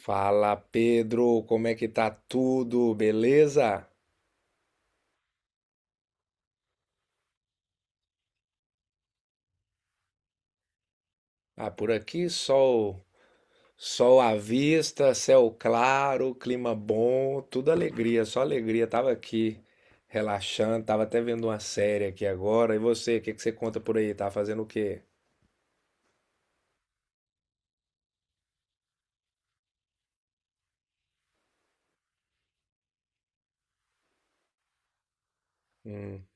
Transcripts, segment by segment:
Fala Pedro, como é que tá tudo? Beleza? Ah, por aqui sol, sol à vista, céu claro, clima bom, tudo alegria, só alegria. Tava aqui relaxando, tava até vendo uma série aqui agora. E você, o que que você conta por aí? Tá fazendo o quê? Hum,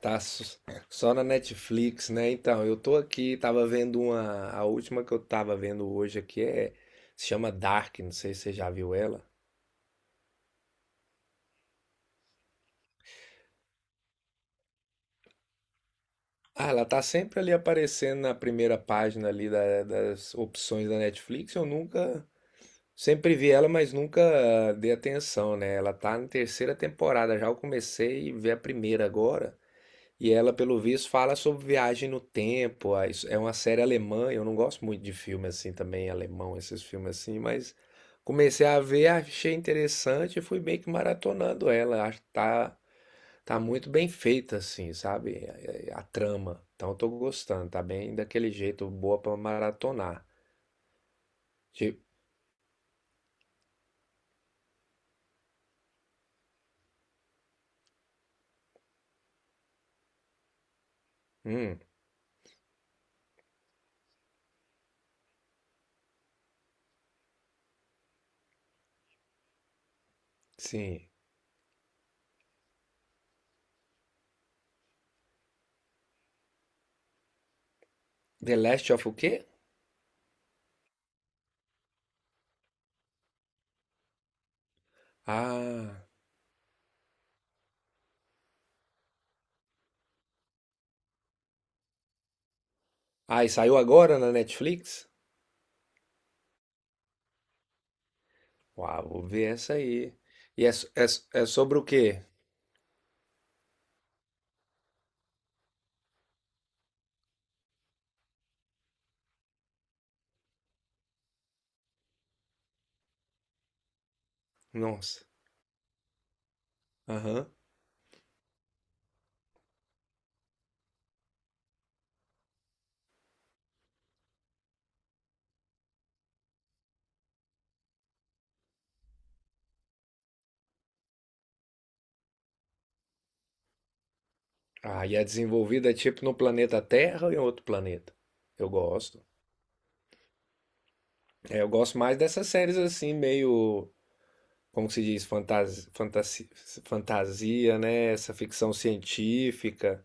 tá s- só na Netflix, né? Então, eu tô aqui, tava vendo a última que eu tava vendo hoje aqui é se chama Dark, não sei se você já viu ela. Ah, ela tá sempre ali aparecendo na primeira página ali das opções da Netflix. Eu nunca, sempre vi ela, mas nunca dei atenção, né? Ela tá na terceira temporada, já eu comecei a ver a primeira agora. E ela, pelo visto, fala sobre viagem no tempo. É uma série alemã, eu não gosto muito de filme assim também, alemão, esses filmes assim, mas comecei a ver, achei interessante e fui meio que maratonando ela. Acho que tá Tá muito bem feita, assim, sabe? A trama. Então eu tô gostando, tá bem daquele jeito, boa pra maratonar. Tipo, hum, sim. The Last of o quê? Ah, ah, e saiu agora na Netflix? Uau, vou ver essa aí. É sobre o quê? Nossa. Aham. Ah, e é desenvolvida tipo no planeta Terra ou em outro planeta? Eu gosto. É, eu gosto mais dessas séries assim, meio. Como que se diz, fantasia, né? Essa ficção científica.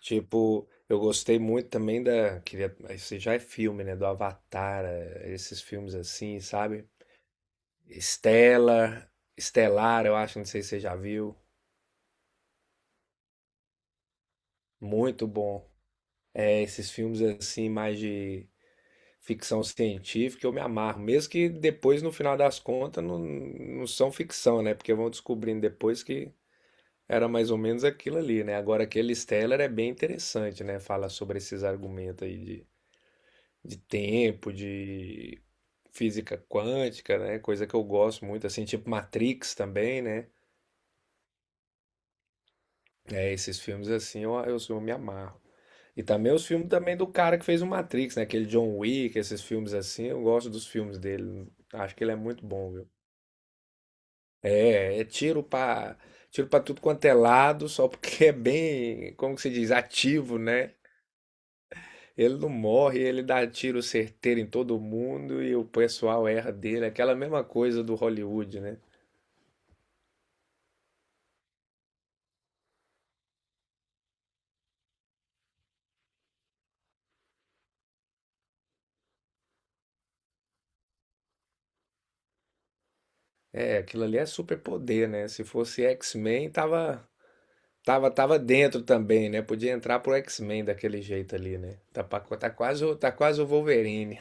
Tipo, eu gostei muito também da. Queria, isso já é filme, né? Do Avatar, esses filmes assim, sabe? Estela, Estelar, eu acho, não sei se você já viu. Muito bom. É, esses filmes assim, mais de ficção científica, eu me amarro. Mesmo que depois, no final das contas, não são ficção, né? Porque vão descobrindo depois que era mais ou menos aquilo ali, né? Agora, aquele Stellar é bem interessante, né? Fala sobre esses argumentos aí de tempo, de física quântica, né? Coisa que eu gosto muito, assim, tipo Matrix também, né? É, esses filmes assim eu me amarro. E também os filmes também do cara que fez o Matrix, né? Aquele John Wick, esses filmes assim, eu gosto dos filmes dele. Acho que ele é muito bom, viu? É, tiro pra tudo quanto é lado, só porque é bem, como que se diz, ativo, né? Ele não morre, ele dá tiro certeiro em todo mundo e o pessoal erra dele. Aquela mesma coisa do Hollywood, né? É, aquilo ali é superpoder, né? Se fosse X-Men, tava dentro também, né? Podia entrar pro X-Men daquele jeito ali, né? Tá quase o Wolverine.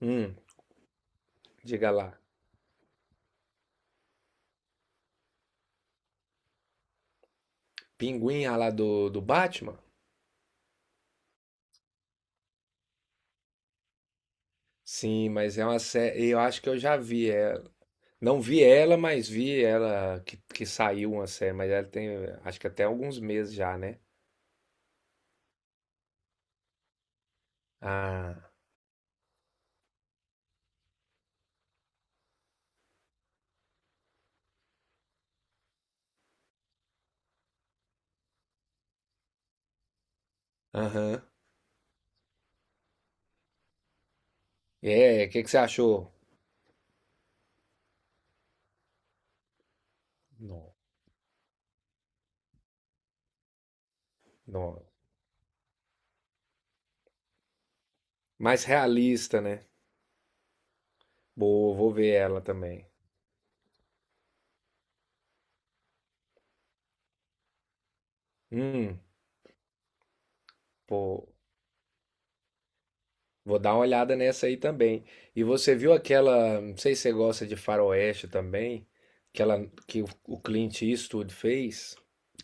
Hum, diga lá. Pinguim, ah, lá do, do Batman? Sim, mas é uma série. Eu acho que eu já vi ela. Não vi ela, mas vi ela que saiu uma série. Mas ela tem, acho que até alguns meses já, né? Ah, aham. É, o que que você achou? Não, não. Mais realista, né? Boa, vou ver ela também. Hum, pô, vou dar uma olhada nessa aí também. E você viu aquela, não sei se você gosta de faroeste também, aquela que o Clint Eastwood fez,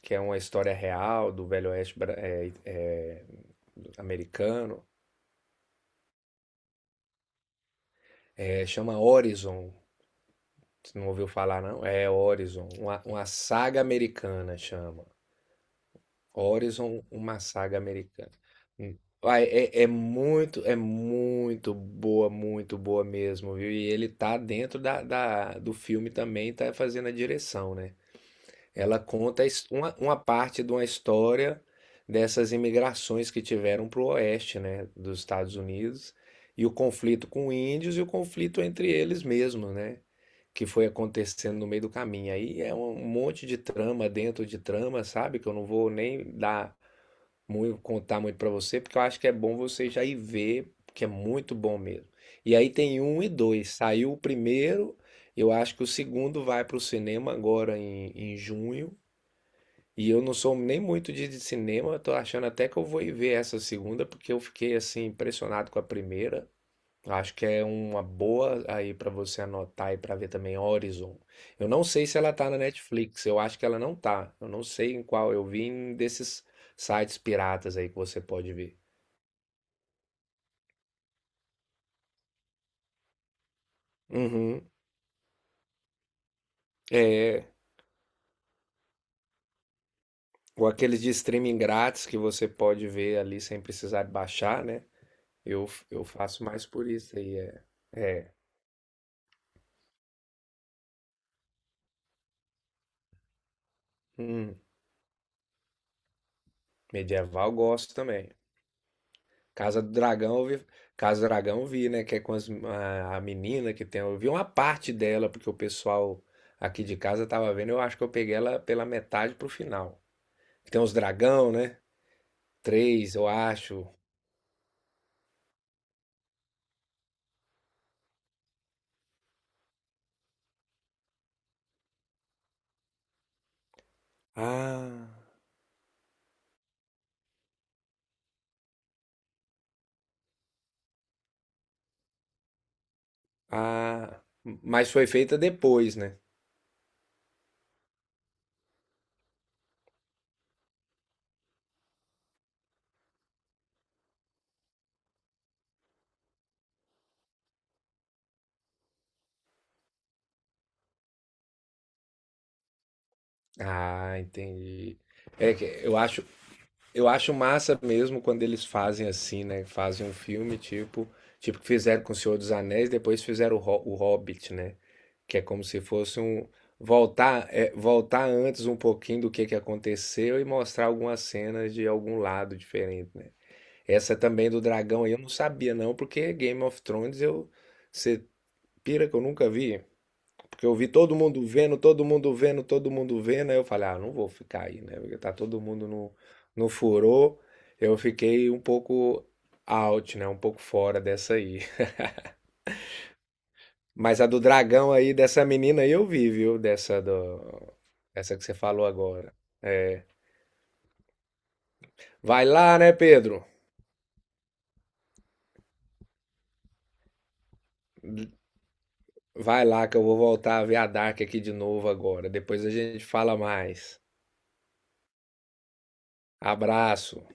que é uma história real do Velho Oeste americano. É, chama Horizon. Você não ouviu falar, não? É Horizon, uma saga americana chama. Horizon: Uma Saga Americana. Hum. Vai, é muito boa mesmo, viu. E ele tá dentro da do filme também, tá fazendo a direção, né. Ela conta a his uma parte de uma história dessas imigrações que tiveram para o oeste, né, dos Estados Unidos, e o conflito com índios e o conflito entre eles mesmos, né, que foi acontecendo no meio do caminho. Aí é um monte de trama dentro de trama, sabe, que eu não vou nem dar muito, contar muito pra você, porque eu acho que é bom você já ir ver, que é muito bom mesmo. E aí tem um e dois. Saiu o primeiro, eu acho que o segundo vai pro cinema agora em junho. E eu não sou nem muito de cinema, eu tô achando até que eu vou ir ver essa segunda, porque eu fiquei assim impressionado com a primeira. Acho que é uma boa aí pra você anotar e pra ver também Horizon. Eu não sei se ela tá na Netflix, eu acho que ela não tá. Eu não sei em qual, eu vi em desses sites piratas aí que você pode ver. Uhum. É, ou aqueles de streaming grátis que você pode ver ali sem precisar baixar, né? Eu faço mais por isso aí, é. É. Hum, medieval gosto também. Casa do Dragão, eu vi, Casa do Dragão eu vi, né? Que é com a menina que tem. Eu vi uma parte dela, porque o pessoal aqui de casa tava vendo. Eu acho que eu peguei ela pela metade pro final. Tem uns dragão, né? Três, eu acho. Ah, ah. Mas foi feita depois, né? Ah, entendi. É que eu acho. Eu acho massa mesmo quando eles fazem assim, né? Fazem um filme tipo, tipo que fizeram com o Senhor dos Anéis, depois fizeram o Hobbit, né? Que é como se fosse um voltar, voltar antes um pouquinho do que aconteceu e mostrar algumas cenas de algum lado diferente, né? Essa também do dragão aí eu não sabia não, porque Game of Thrones eu você pira que eu nunca vi. Porque eu vi todo mundo vendo. Aí eu falei, ah, não vou ficar aí, né? Porque tá todo mundo no furor. Eu fiquei um pouco out, né? Um pouco fora dessa aí. Mas a do dragão aí, dessa menina aí eu vi, viu? Dessa do... Essa que você falou agora. Vai lá, né, Pedro? Vai lá que eu vou voltar a ver a Dark aqui de novo agora. Depois a gente fala mais. Abraço.